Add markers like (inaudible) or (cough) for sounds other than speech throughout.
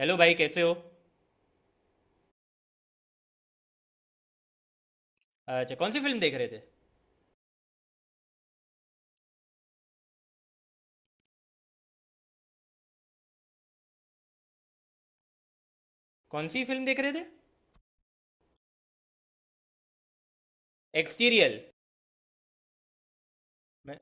Hello भाई, कैसे हो। अच्छा, कौन सी फिल्म देख रहे थे। कौन सी फिल्म देख रहे थे। एक्सटीरियल। मैं।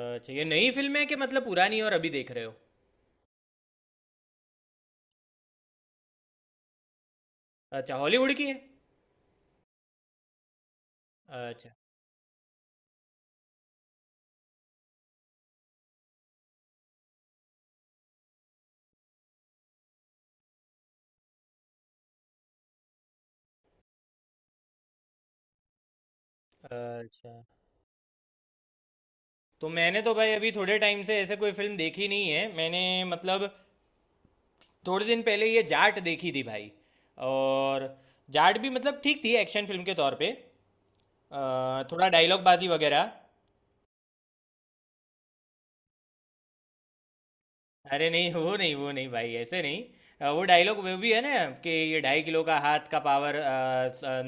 अच्छा, ये नई फिल्म है कि मतलब पुरानी, और अभी देख रहे हो। अच्छा, हॉलीवुड की है। अच्छा। अच्छा, तो मैंने तो भाई अभी थोड़े टाइम से ऐसे कोई फिल्म देखी नहीं है मैंने। मतलब, थोड़े दिन पहले ये जाट देखी थी भाई। और जाट भी मतलब ठीक थी एक्शन फिल्म के तौर पे। थोड़ा डायलॉग बाजी वगैरह। अरे नहीं, वो नहीं, वो नहीं भाई, ऐसे नहीं। वो डायलॉग वो भी है ना, कि ये ढाई किलो का हाथ का पावर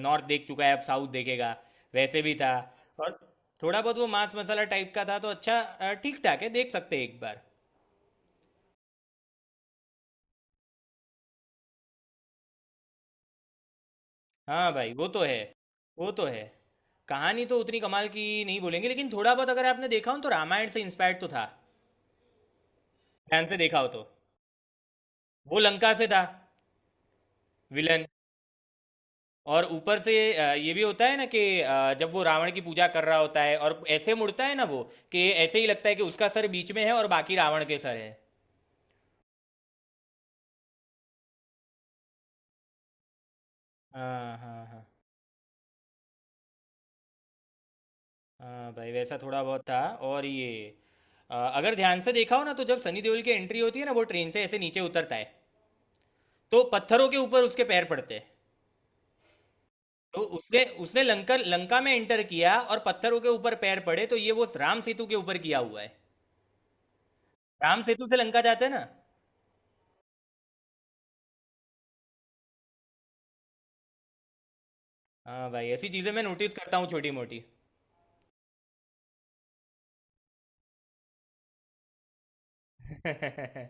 नॉर्थ देख चुका है, अब साउथ देखेगा। वैसे भी था। और थोड़ा बहुत वो मांस मसाला टाइप का था, तो अच्छा ठीक ठाक है, देख सकते हैं एक बार। हाँ भाई, वो तो है, वो तो है। कहानी तो उतनी कमाल की नहीं बोलेंगे, लेकिन थोड़ा बहुत अगर आपने देखा हो तो रामायण से इंस्पायर्ड तो था। ध्यान से देखा हो तो वो लंका से था, विलन। और ऊपर से ये भी होता है ना कि जब वो रावण की पूजा कर रहा होता है और ऐसे मुड़ता है ना वो, कि ऐसे ही लगता है कि उसका सर बीच में है और बाकी रावण के सर है। हाँ, हाँ, हाँ। हाँ भाई, वैसा थोड़ा बहुत था। और ये, अगर ध्यान से देखा हो ना, तो जब सनी देओल की एंट्री होती है ना वो ट्रेन से ऐसे नीचे उतरता है, तो पत्थरों के ऊपर उसके पैर पड़ते हैं। तो उसने उसने लंका लंका में एंटर किया और पत्थरों के ऊपर पैर पड़े, तो ये वो राम सेतु के ऊपर किया हुआ है। राम सेतु से लंका जाते हैं ना। हाँ भाई, ऐसी चीजें मैं नोटिस करता हूँ, छोटी मोटी। (laughs)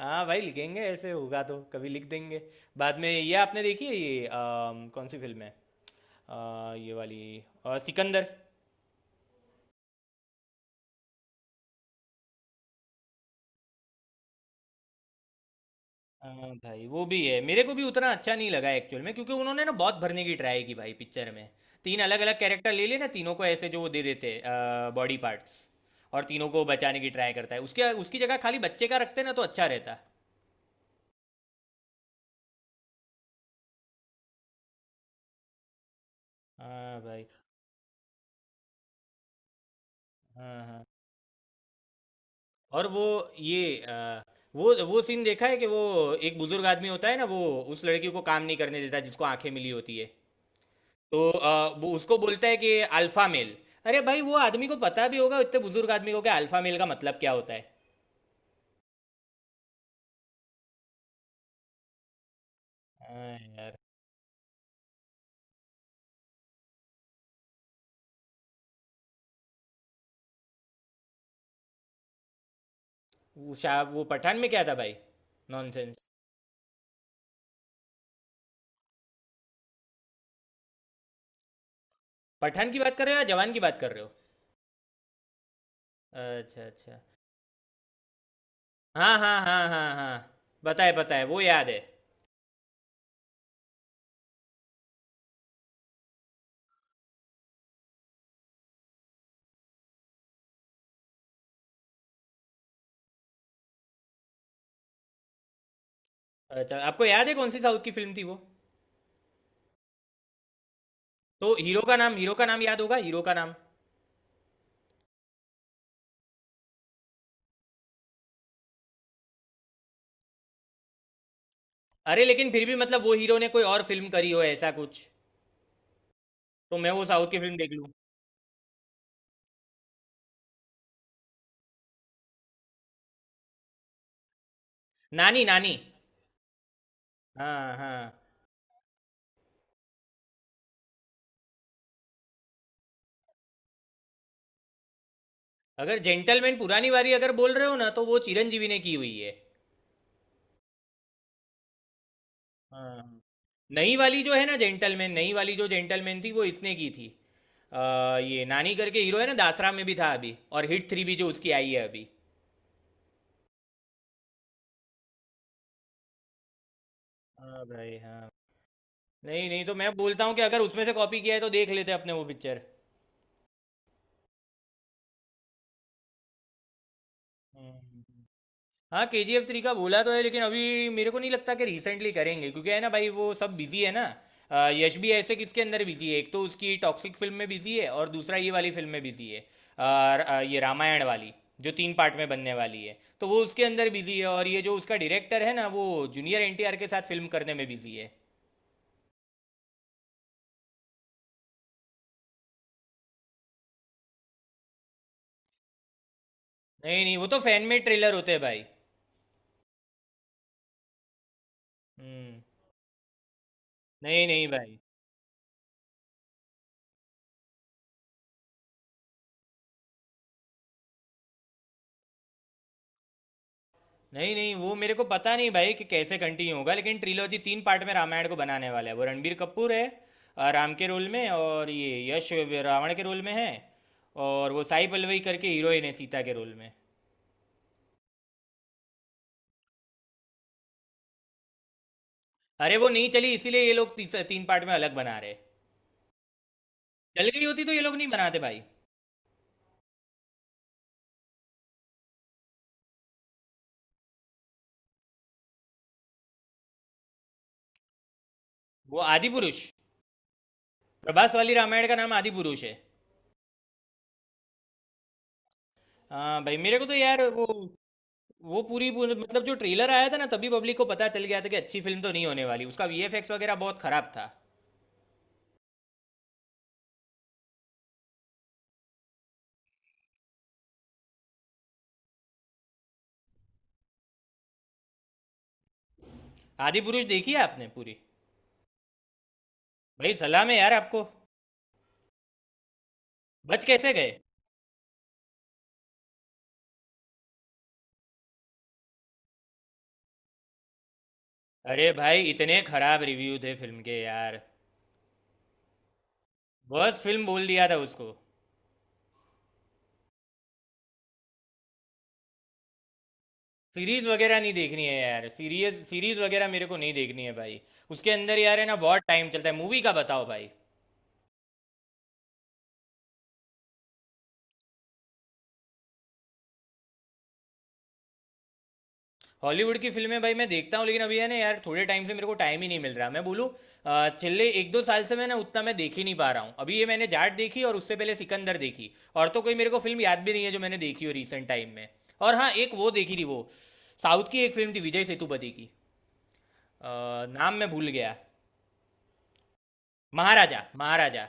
हाँ भाई, लिखेंगे, ऐसे होगा तो कभी लिख देंगे। बाद में ये आपने देखी है ये, कौन सी फिल्म है। ये वाली, सिकंदर। हाँ भाई, वो भी है, मेरे को भी उतना अच्छा नहीं लगा एक्चुअल में। क्योंकि उन्होंने ना बहुत भरने की ट्राई की भाई पिक्चर में। तीन अलग अलग कैरेक्टर ले लिए ना, तीनों को ऐसे जो वो दे देते बॉडी पार्ट्स। और तीनों को बचाने की ट्राई करता है, उसके उसकी जगह खाली बच्चे का रखते ना तो अच्छा रहता। हाँ भाई, हाँ, हाँ। और वो ये, वो सीन देखा है कि वो एक बुजुर्ग आदमी होता है ना वो, उस लड़की को काम नहीं करने देता जिसको आंखें मिली होती है। तो वो उसको बोलता है कि अल्फा मेल। अरे भाई, वो आदमी को पता भी होगा इतने बुजुर्ग आदमी को कि अल्फा मेल का मतलब क्या होता है। हाँ यार। वो पठान में क्या था भाई। नॉनसेंस। पठान की बात कर रहे हो या जवान की बात कर रहे हो। अच्छा, अच्छा। हाँ, हाँ, हाँ, हाँ, हाँ, पता है, पता है, वो याद है। अच्छा, आपको याद है कौन सी साउथ की फिल्म थी वो। तो हीरो का नाम, हीरो का नाम याद होगा, हीरो का नाम। अरे लेकिन फिर भी मतलब, वो हीरो ने कोई और फिल्म करी हो ऐसा कुछ। तो मैं वो साउथ की फिल्म देख लूँ। नानी, नानी। हाँ, हाँ। अगर जेंटलमैन पुरानी वाली अगर बोल रहे हो ना, तो वो चिरंजीवी ने की हुई है। हाँ, हाँ। नई वाली जो है ना जेंटलमैन, नई वाली जो जेंटलमैन थी वो इसने की थी। ये नानी करके हीरो है ना, दासरा में भी था अभी, और HIT 3 भी जो उसकी आई है अभी। हाँ भाई, हाँ। नहीं, नहीं, तो मैं बोलता हूँ कि अगर उसमें से कॉपी किया है तो देख लेते अपने वो पिक्चर। हाँ, KGF 3 का बोला तो है, लेकिन अभी मेरे को नहीं लगता कि रिसेंटली करेंगे, क्योंकि है ना भाई, वो सब बिजी है ना। यश भी ऐसे किसके अंदर बिजी है, एक तो उसकी टॉक्सिक फिल्म में बिजी है और दूसरा ये वाली फिल्म में बिजी है, ये रामायण वाली, जो तीन पार्ट में बनने वाली है तो वो उसके अंदर बिजी है। और ये जो उसका डायरेक्टर है ना वो, जूनियर NTR के साथ फिल्म करने में बिजी है। नहीं, नहीं, वो तो फैन मेड ट्रेलर होते हैं भाई। हम्म। नहीं, नहीं भाई। नहीं, नहीं, वो मेरे को पता नहीं भाई कि कैसे कंटिन्यू होगा, लेकिन ट्रिलॉजी तीन पार्ट में रामायण को बनाने वाला है वो। रणबीर कपूर है राम के रोल में, और ये यश, रावण के रोल में है। और वो साई पल्लवी करके हीरोइन है, सीता के रोल में। अरे वो नहीं चली, इसीलिए ये लोग तीन पार्ट में अलग बना रहे। चल गई होती तो ये लोग नहीं बनाते भाई। वो आदि पुरुष। प्रभास वाली रामायण का नाम आदि पुरुष है। हाँ भाई, मेरे को तो यार वो पूरी पूरी- मतलब जो ट्रेलर आया था ना तभी पब्लिक को पता चल गया था कि अच्छी फिल्म तो नहीं होने वाली। उसका VFX वगैरह बहुत खराब था। आदि पुरुष देखी है आपने पूरी? भाई सलाम है यार आपको। बच कैसे गए? अरे भाई, इतने खराब रिव्यू थे फिल्म के यार। वर्स्ट फिल्म बोल दिया था उसको। सीरीज वगैरह नहीं देखनी है यार। सीरीज, सीरीज वगैरह मेरे को नहीं देखनी है भाई। उसके अंदर यार है ना बहुत टाइम चलता है मूवी का, बताओ भाई। हॉलीवुड की फिल्में भाई मैं देखता हूँ, लेकिन अभी है ना यार, थोड़े टाइम से मेरे को टाइम ही नहीं मिल रहा मैं बोलूँ। पिछले एक दो साल से मैं ना उतना मैं देख ही नहीं पा रहा हूँ। अभी ये मैंने जाट देखी और उससे पहले सिकंदर देखी। और तो कोई मेरे को फिल्म याद भी नहीं है जो मैंने देखी हो रिसेंट टाइम में। और हाँ, एक वो देखी थी वो, साउथ की एक फिल्म थी विजय सेतुपति की। अ, नाम मैं भूल गया। महाराजा, महाराजा।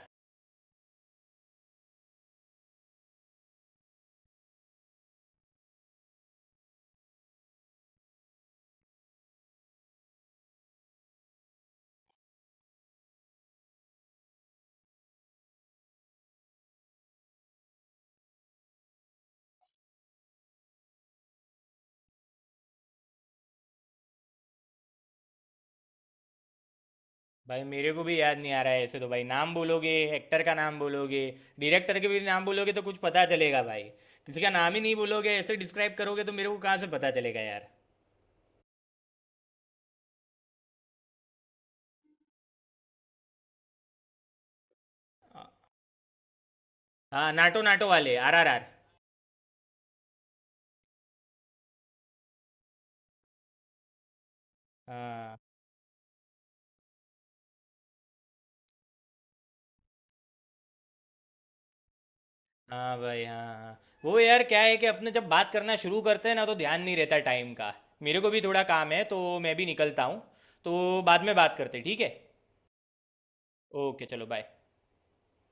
भाई मेरे को भी याद नहीं आ रहा है ऐसे तो। भाई नाम बोलोगे, एक्टर का नाम बोलोगे, डायरेक्टर के भी नाम बोलोगे तो कुछ पता चलेगा भाई। किसी का नाम ही नहीं बोलोगे, ऐसे डिस्क्राइब करोगे तो मेरे को कहाँ से पता चलेगा यार। हाँ, नाटो नाटो वाले RRR। हाँ, हाँ भाई, हाँ, हाँ। वो यार क्या है कि अपने जब बात करना शुरू करते हैं ना तो ध्यान नहीं रहता टाइम का। मेरे को भी थोड़ा काम है तो मैं भी निकलता हूँ। तो बाद में बात करते हैं, ठीक है? ओके, चलो, बाय।